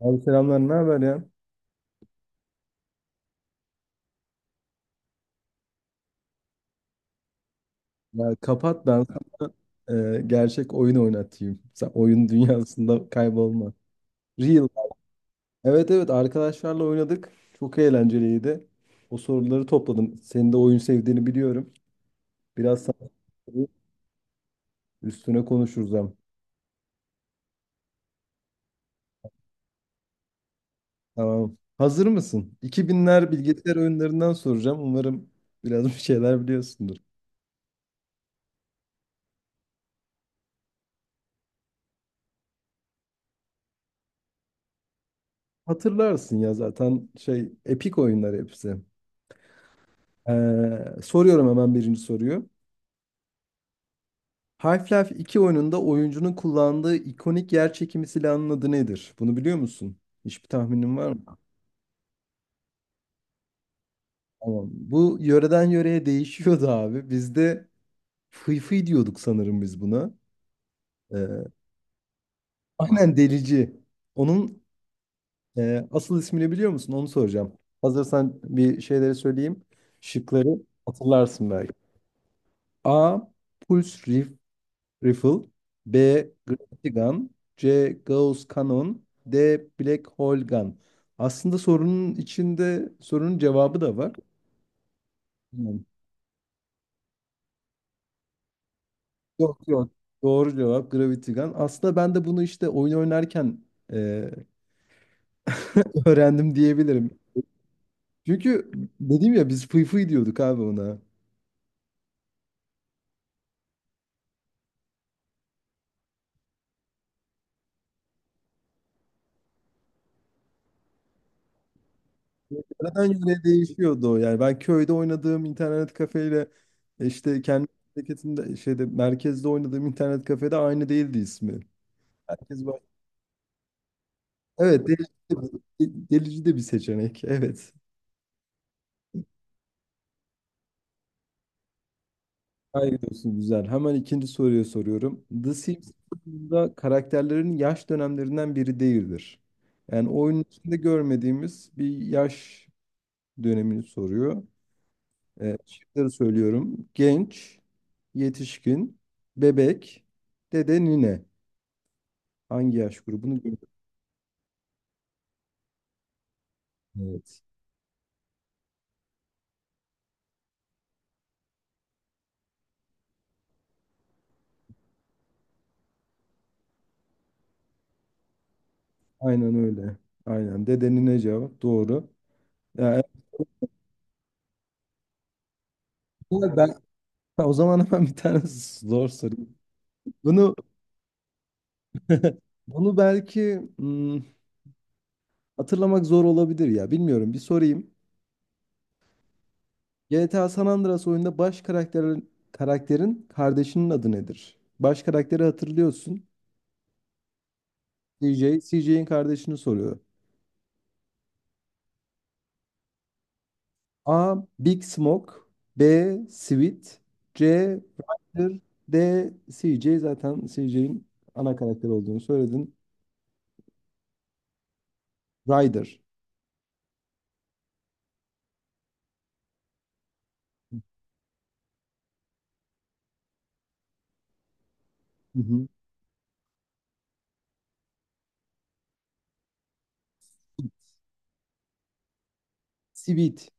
Abi selamlar, ne haber ya? Ya kapat ben sana gerçek oyun oynatayım. Sen oyun dünyasında kaybolma. Real. Evet evet, arkadaşlarla oynadık. Çok eğlenceliydi. O soruları topladım. Senin de oyun sevdiğini biliyorum. Biraz sana üstüne konuşuruz hem. Tamam. Hazır mısın? 2000'ler bilgisayar oyunlarından soracağım. Umarım biraz bir şeyler biliyorsundur. Hatırlarsın ya zaten şey, epik oyunlar hepsi. Soruyorum hemen birinci soruyu. Half-Life iki oyununda oyuncunun kullandığı ikonik yer çekimi silahının adı nedir? Bunu biliyor musun? Hiçbir tahminin var mı? Tamam. Bu yöreden yöreye değişiyordu abi. Bizde fıy fıy diyorduk sanırım biz buna. Ee, aynen, delici. Onun asıl ismini biliyor musun? Onu soracağım. Hazırsan bir şeyleri söyleyeyim. Şıkları hatırlarsın belki. A. Pulse Rifle, B. Gravity Gun, C. Gauss Cannon, D. Black Hole Gun. Aslında sorunun içinde sorunun cevabı da var. Hmm. Yok yok. Doğru cevap Gravity Gun. Aslında ben de bunu işte oyun oynarken e, öğrendim diyebilirim. Çünkü dedim ya, biz fıy fıy diyorduk abi ona. Yöreden yöreye değişiyordu o yani. Ben köyde oynadığım internet kafeyle işte kendi memleketimde şeyde merkezde oynadığım internet kafede aynı değildi ismi. Herkes evet, delici de delici de bir seçenek. Evet. Hayır olsun, güzel. Hemen ikinci soruyu soruyorum. The Simpsons'da karakterlerin yaş dönemlerinden biri değildir. Yani oyunun içinde görmediğimiz bir yaş dönemini soruyor. Şıkları söylüyorum. Genç, yetişkin, bebek, dede, nine. Hangi yaş grubunu görüyoruz? Evet. Aynen öyle. Aynen. Dede, nine cevap. Doğru. Yani, ben, O zaman hemen bir tane zor soru. Bunu bunu belki hatırlamak zor olabilir ya. Bilmiyorum. Bir sorayım. GTA San Andreas oyunda baş karakterin karakterin kardeşinin adı nedir? Baş karakteri hatırlıyorsun. CJ, CJ'in kardeşini soruyor. A. Big Smoke, B. Sweet, C. Ryder, D. CJ zaten, CJ'in ana karakter olduğunu söyledin. Ryder. Hı hı. Sweet.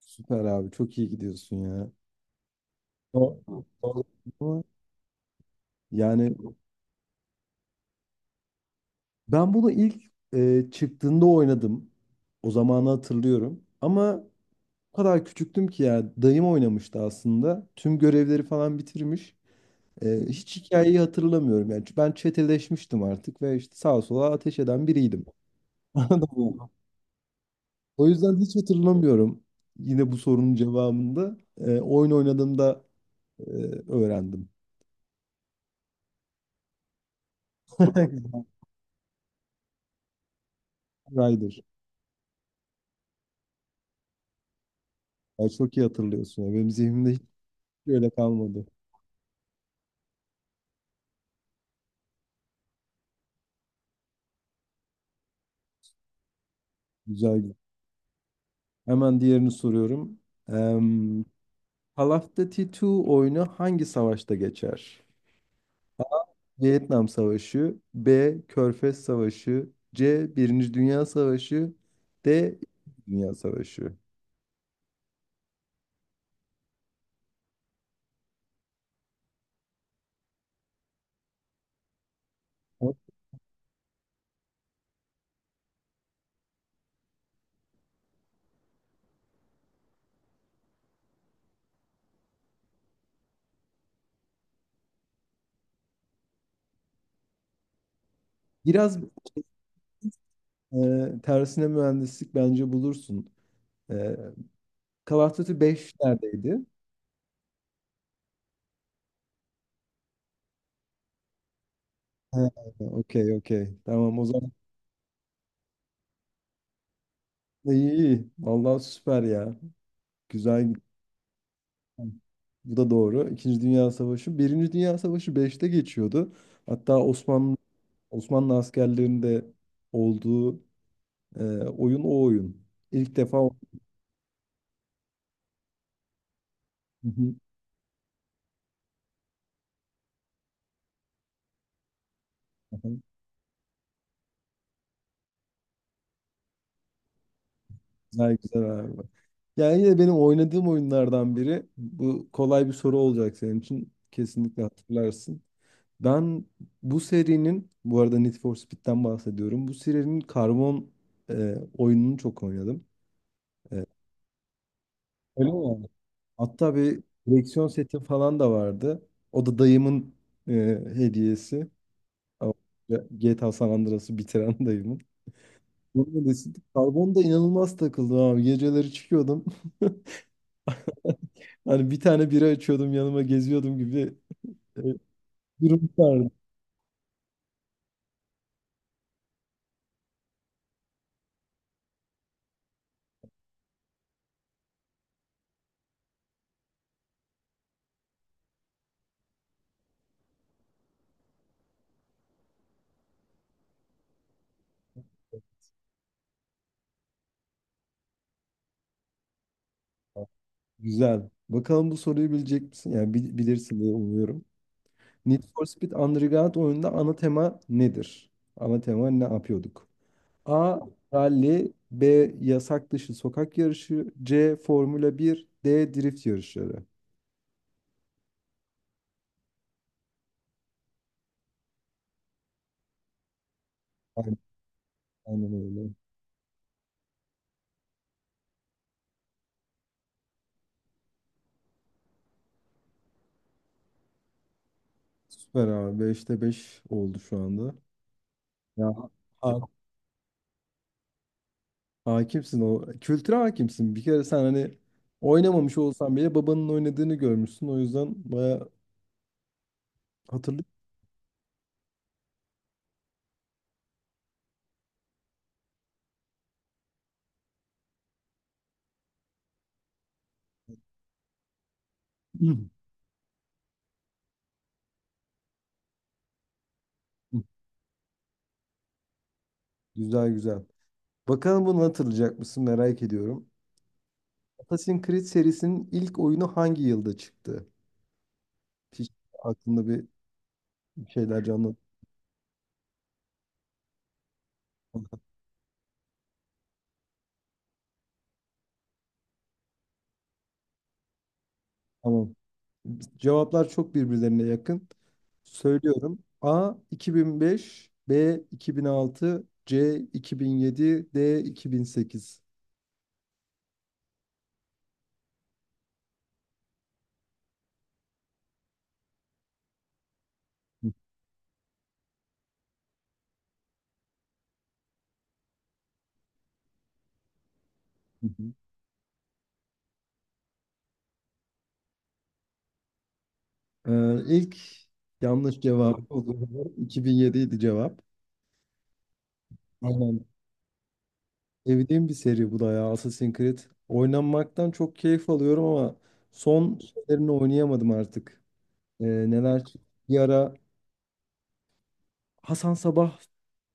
Süper abi. Çok iyi gidiyorsun ya. O- o- Yani Ben bunu ilk çıktığında oynadım. O zamanı hatırlıyorum. Ama o kadar küçüktüm ki ya, dayım oynamıştı aslında. Tüm görevleri falan bitirmiş. E, hiç hikayeyi hatırlamıyorum. Yani ben çeteleşmiştim artık ve işte sağa sola ateş eden biriydim. Anladın mı? O yüzden hiç hatırlamıyorum. Yine bu sorunun cevabında oyun oynadığımda e, öğrendim. Rider. Ya çok iyi hatırlıyorsun ya. Benim zihnimde hiç öyle kalmadı. Güzel güzel. Hemen diğerini soruyorum. Em, Call of Duty 2 oyunu hangi savaşta geçer? Vietnam Savaşı, B. Körfez Savaşı, C. Birinci Dünya Savaşı, D. İkinci Dünya Savaşı. Biraz tersine mühendislik bence bulursun. E, Call of Duty 5 neredeydi? Ha, okey okey. Tamam o zaman, iyi iyi. Vallahi süper ya. Güzel. Bu da doğru. İkinci Dünya Savaşı. Birinci Dünya Savaşı beşte geçiyordu. Hatta Osmanlı askerlerinde olduğu e, oyun o oyun. İlk defa o- Hı hı, hı hı. Güzel güzel abi. Yani yine benim oynadığım oyunlardan biri. Bu kolay bir soru olacak senin için. Kesinlikle hatırlarsın. Ben bu serinin, bu arada Need for Speed'den bahsediyorum. Bu serinin karbon oyununu çok oynadım. Öyle mi? Hatta bir direksiyon seti falan da vardı. O da dayımın e, hediyesi. O GTA San Andreas'ı bitiren dayımın. Bunun öncesi Karbon da inanılmaz takıldı abi. Geceleri çıkıyordum. Hani bir tane bira açıyordum yanıma, geziyordum gibi e, durum vardı. Güzel. Bakalım bu soruyu bilecek misin? Yani bil- bilirsin diye umuyorum. Need for Speed Underground oyununda ana tema nedir? Ana tema ne yapıyorduk? A. Rally, B. Yasak dışı sokak yarışı, C. Formula 1, D. Drift yarışları. Aynen, aynen öyle. Süper abi. Beşte 5 oldu şu anda. Ya ha- hakimsin o. Kültüre hakimsin. Bir kere sen hani oynamamış olsan bile babanın oynadığını görmüşsün. O yüzden baya hatırlıyorsun. Güzel güzel. Bakalım bunu hatırlayacak mısın, merak ediyorum. Assassin's Creed serisinin ilk oyunu hangi yılda çıktı? Hiç aklında bir şeyler canlandı. Tamam. Cevaplar çok birbirlerine yakın. Söylüyorum. A 2005, B 2006, C 2007, D 2008. İlk yanlış cevap oldu. 2007 idi cevap. Aynen. Evdiğim bir seri bu da ya, Assassin's Creed. Oynanmaktan çok keyif alıyorum ama son şeylerini oynayamadım artık. Neler çıktı? Bir ara Hasan Sabah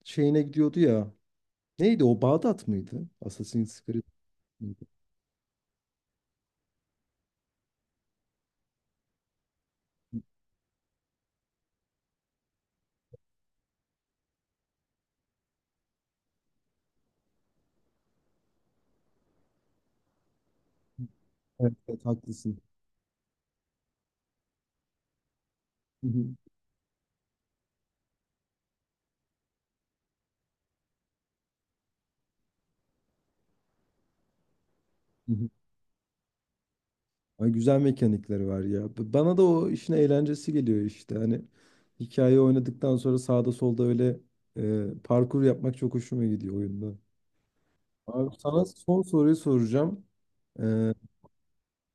şeyine gidiyordu ya. Neydi o? Bağdat mıydı? Assassin's Creed. Evet, evet, haklısın. Hı hı, hı hı. Ay, güzel mekanikleri var ya. B- Bana da o işin eğlencesi geliyor işte. Hani hikaye oynadıktan sonra sağda solda öyle parkur yapmak çok hoşuma gidiyor oyunda. Abi sana son soruyu soracağım. Ee,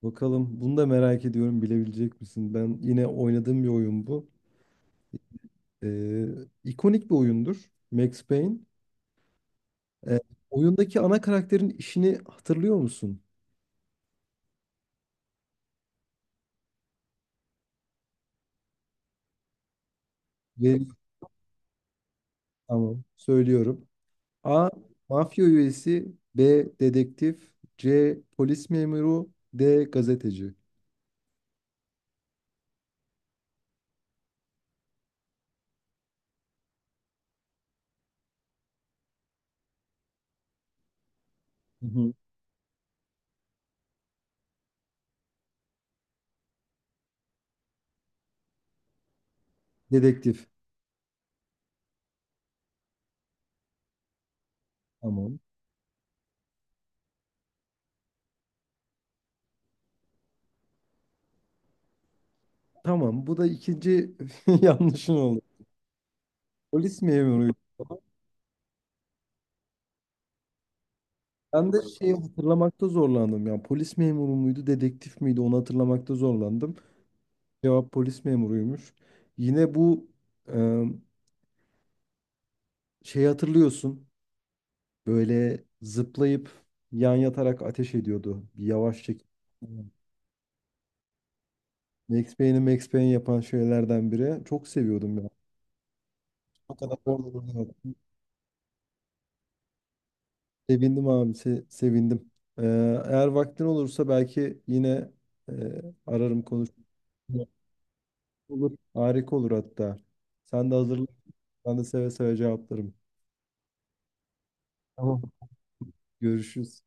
Bakalım bunu da merak ediyorum, bilebilecek misin? Ben yine oynadığım bir oyun bu. Ee, ikonik bir oyundur Max Payne. Ee, Oyundaki ana karakterin işini hatırlıyor musun? Ve tamam, söylüyorum. A. Mafya üyesi, B. Dedektif, C. Polis memuru, D. Gazeteci. Hı hı. Dedektif. Tamam. Tamam. Bu da ikinci yanlışın oldu. Polis memuruydu. Ben de şeyi hatırlamakta zorlandım. Yani polis memuru muydu, dedektif miydi onu hatırlamakta zorlandım. Cevap polis memuruymuş. Yine bu e, şeyi hatırlıyorsun. Böyle zıplayıp yan yatarak ateş ediyordu. Bir yavaş çek. Max Payne'i Max Payne yapan şeylerden biri. Çok seviyordum ya. O kadar oldu. Sevindim abi, se- sevindim. Ee, Eğer vaktin olursa belki yine e, ararım konuşurum. Olur. Harika olur hatta. Sen de hazırlan. Ben de seve seve cevaplarım. Tamam. Görüşürüz.